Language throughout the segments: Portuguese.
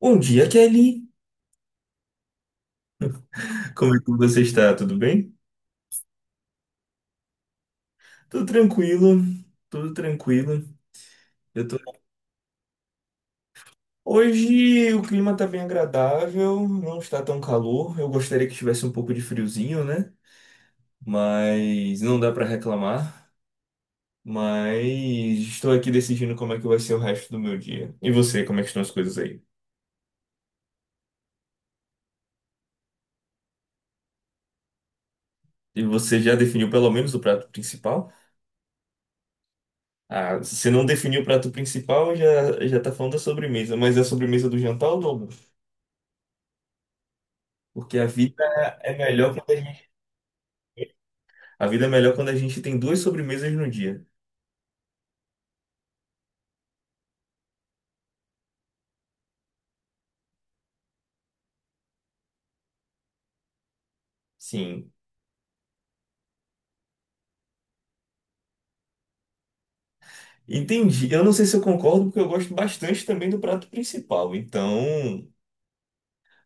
Bom dia, Kelly. Como é que você está? Tudo bem? Tudo tranquilo, tudo tranquilo. Eu tô... Hoje o clima tá bem agradável, não está tão calor. Eu gostaria que tivesse um pouco de friozinho, né? Mas não dá para reclamar. Mas estou aqui decidindo como é que vai ser o resto do meu dia. E você, como é que estão as coisas aí? E você já definiu pelo menos o prato principal? Ah, se não definiu o prato principal, já já tá falando da sobremesa, mas é a sobremesa do jantar ou do almoço? Porque a vida é melhor quando a gente, a vida é melhor quando a gente tem duas sobremesas no dia. Sim. Entendi. Eu não sei se eu concordo, porque eu gosto bastante também do prato principal. Então.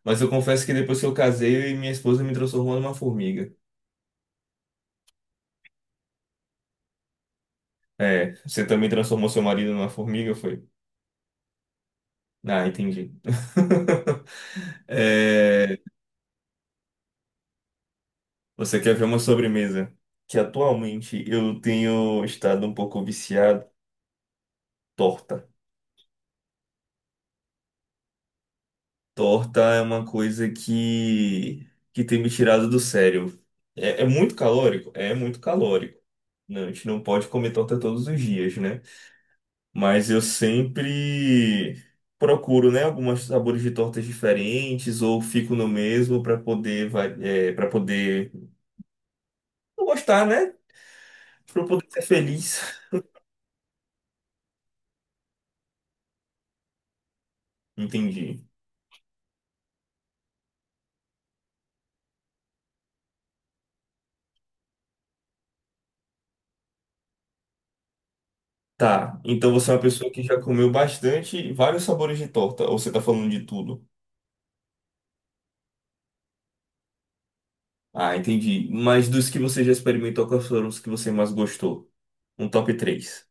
Mas eu confesso que depois que eu casei, minha esposa me transformou numa formiga. É, você também transformou seu marido numa formiga, foi? Ah, entendi. É, você quer ver uma sobremesa? Que atualmente eu tenho estado um pouco viciado, torta. Torta é uma coisa que tem me tirado do sério. É, é muito calórico? É muito calórico. Não, a gente não pode comer torta todos os dias, né? Mas eu sempre procuro, né, alguns sabores de tortas diferentes ou fico no mesmo para poder gostar, né? Para poder ser feliz. Entendi. Tá, então você é uma pessoa que já comeu bastante vários sabores de torta, ou você tá falando de tudo? Ah, entendi. Mas dos que você já experimentou, quais foram os que você mais gostou? Um top três.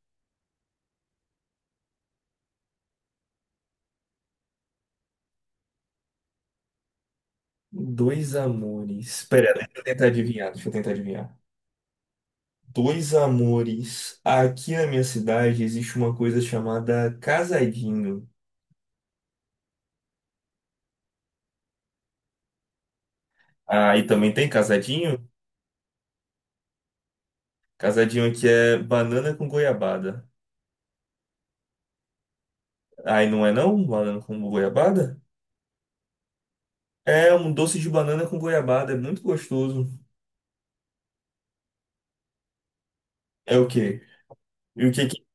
Dois amores. Pera, deixa eu tentar adivinhar, deixa eu tentar adivinhar. Dois amores. Aqui na minha cidade existe uma coisa chamada casadinho. Ah, e também tem casadinho? Casadinho aqui é banana com goiabada. Aí não é não? Banana com goiabada? É um doce de banana com goiabada, é muito gostoso. É o quê? E o que que...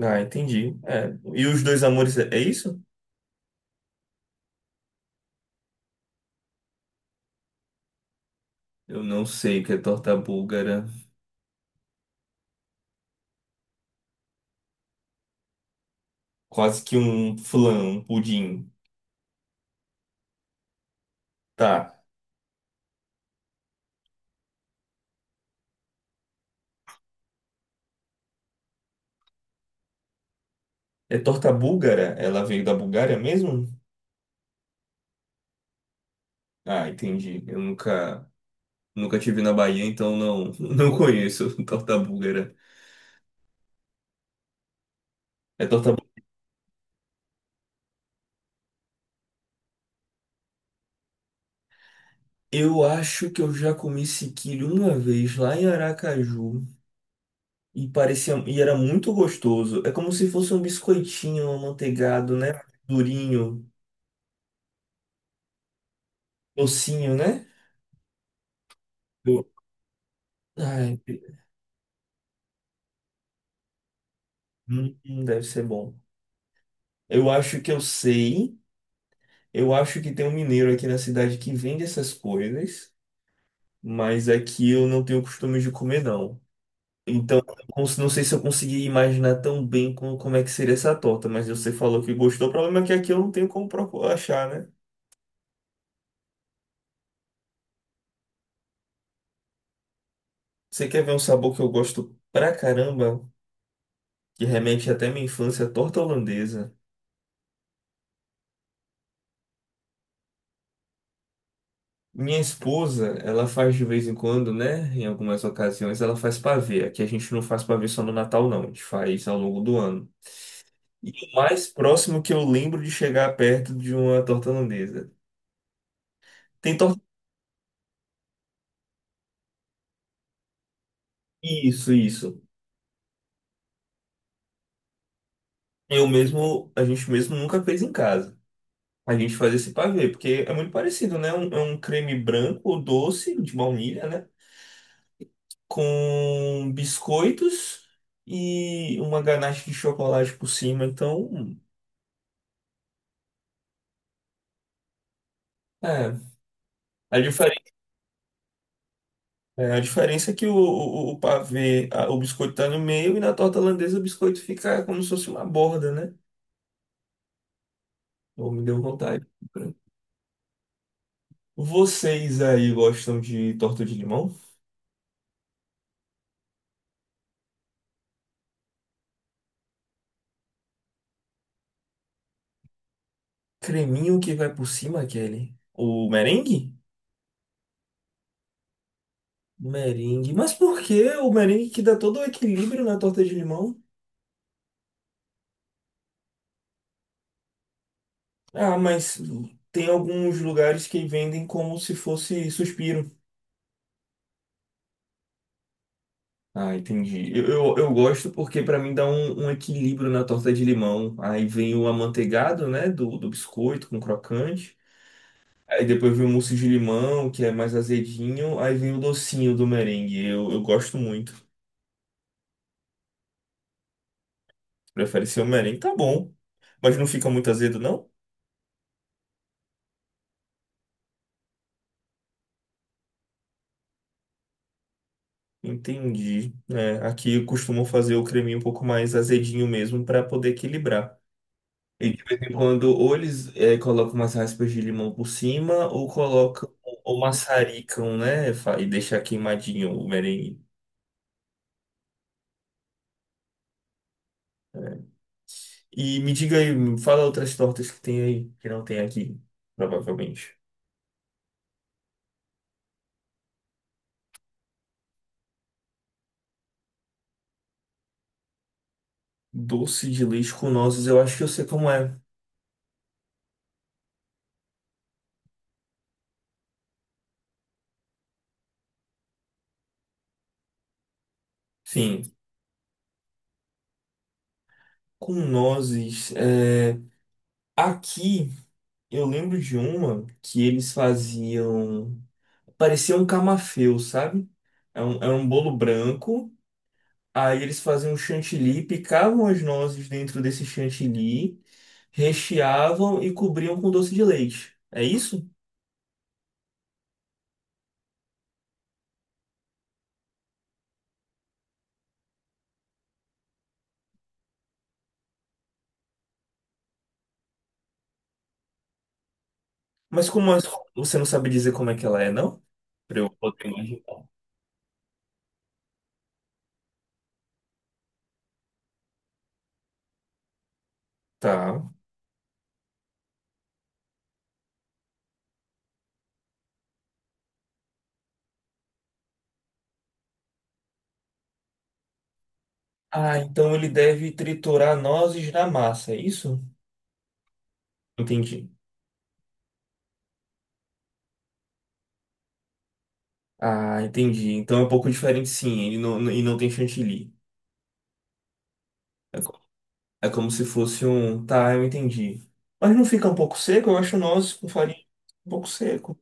Ah, entendi. É. E os dois amores, é isso? Eu não sei o que é torta búlgara. Quase que um flan, um pudim. Tá. É torta búlgara? Ela veio da Bulgária mesmo? Ah, entendi. Eu nunca, nunca tive na Bahia, então não, não conheço torta búlgara. É torta bú- Eu acho que eu já comi sequilho uma vez lá em Aracaju e parecia e era muito gostoso. É como se fosse um biscoitinho amanteigado, né? Durinho, docinho, né? Eu- Ai, hum, deve ser bom. Eu acho que eu sei. Eu acho que tem um mineiro aqui na cidade que vende essas coisas, mas aqui eu não tenho costume de comer, não. Então, eu cons- não sei se eu consegui imaginar tão bem como, como é que seria essa torta, mas você falou que gostou. O problema é que aqui eu não tenho como procu- achar, né? Você quer ver um sabor que eu gosto pra caramba, que remete até minha infância, torta holandesa. Minha esposa, ela faz de vez em quando, né? Em algumas ocasiões, ela faz pavê. Aqui a gente não faz pavê só no Natal, não. A gente faz ao longo do ano. E o mais próximo que eu lembro de chegar perto de uma torta holandesa. Tem torta. Isso, isso. Eu mesmo, a gente mesmo nunca fez em casa. A gente faz esse pavê, porque é muito parecido, né? Um- é um creme branco, doce, de baunilha, né? Com biscoitos e uma ganache de chocolate por cima. Então, é. A diferença, a diferença é que o pavê, a- o biscoito tá no meio e na torta holandesa o biscoito fica como se fosse uma borda, né? Ou me deu vontade. Vocês aí gostam de torta de limão? Creminho que vai por cima, Kelly. O merengue? Merengue. Mas por que o merengue que dá todo o equilíbrio na torta de limão? Ah, mas tem alguns lugares que vendem como se fosse suspiro. Ah, entendi. Eu gosto porque pra mim dá um equilíbrio na torta de limão. Aí vem o amanteigado, né, do biscoito com crocante. Aí depois vem o mousse de limão, que é mais azedinho. Aí vem o docinho do merengue. Eu gosto muito. Prefere ser Homem-Aranha? Tá bom. Mas não fica muito azedo, não? Entendi. É, aqui costumam fazer o creminho um pouco mais azedinho mesmo para poder equilibrar. E de vez em quando, ou eles é, colocam umas raspas de limão por cima, ou colocam, ou maçaricam, né? Fa- E deixar queimadinho o merengue. E me diga aí, me fala outras tortas que tem aí, que não tem aqui, provavelmente. Doce de leite com nozes, eu acho que eu sei como é. Sim, com nozes. É... Aqui. Eu lembro de uma que eles faziam. Parecia um camafeu, sabe? Era um bolo branco. Aí eles faziam um chantilly, picavam as nozes dentro desse chantilly, recheavam e cobriam com doce de leite. É isso? Mas como as- você não sabe dizer como é que ela é, não? Pra eu poder imaginar. Tá. Ah, então ele deve triturar nozes na massa, é isso? Entendi. Ah, entendi. Então é um pouco diferente, sim. Ele não, e não tem chantilly. É como se fosse um. Tá, eu entendi. Mas não fica um pouco seco? Eu acho o nozes com farinha um pouco seco.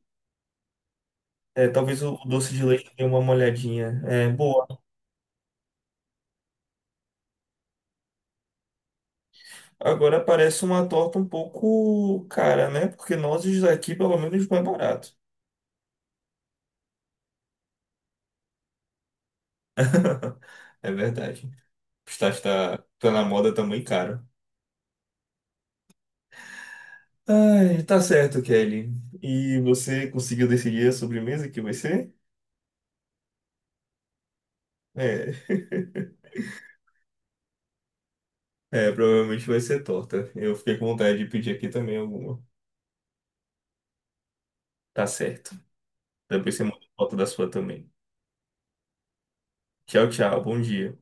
É, talvez o doce de leite dê uma molhadinha. É, boa. Agora parece uma torta um pouco cara, né? Porque nozes aqui pelo menos, não é barato. É verdade. Pistache tá, tá na moda também caro. Ai, tá certo, Kelly. E você conseguiu decidir a sobremesa que vai ser? É, é, provavelmente vai ser torta. Eu fiquei com vontade de pedir aqui também alguma. Tá certo. Depois você manda foto da sua também. Tchau, tchau. Bom dia.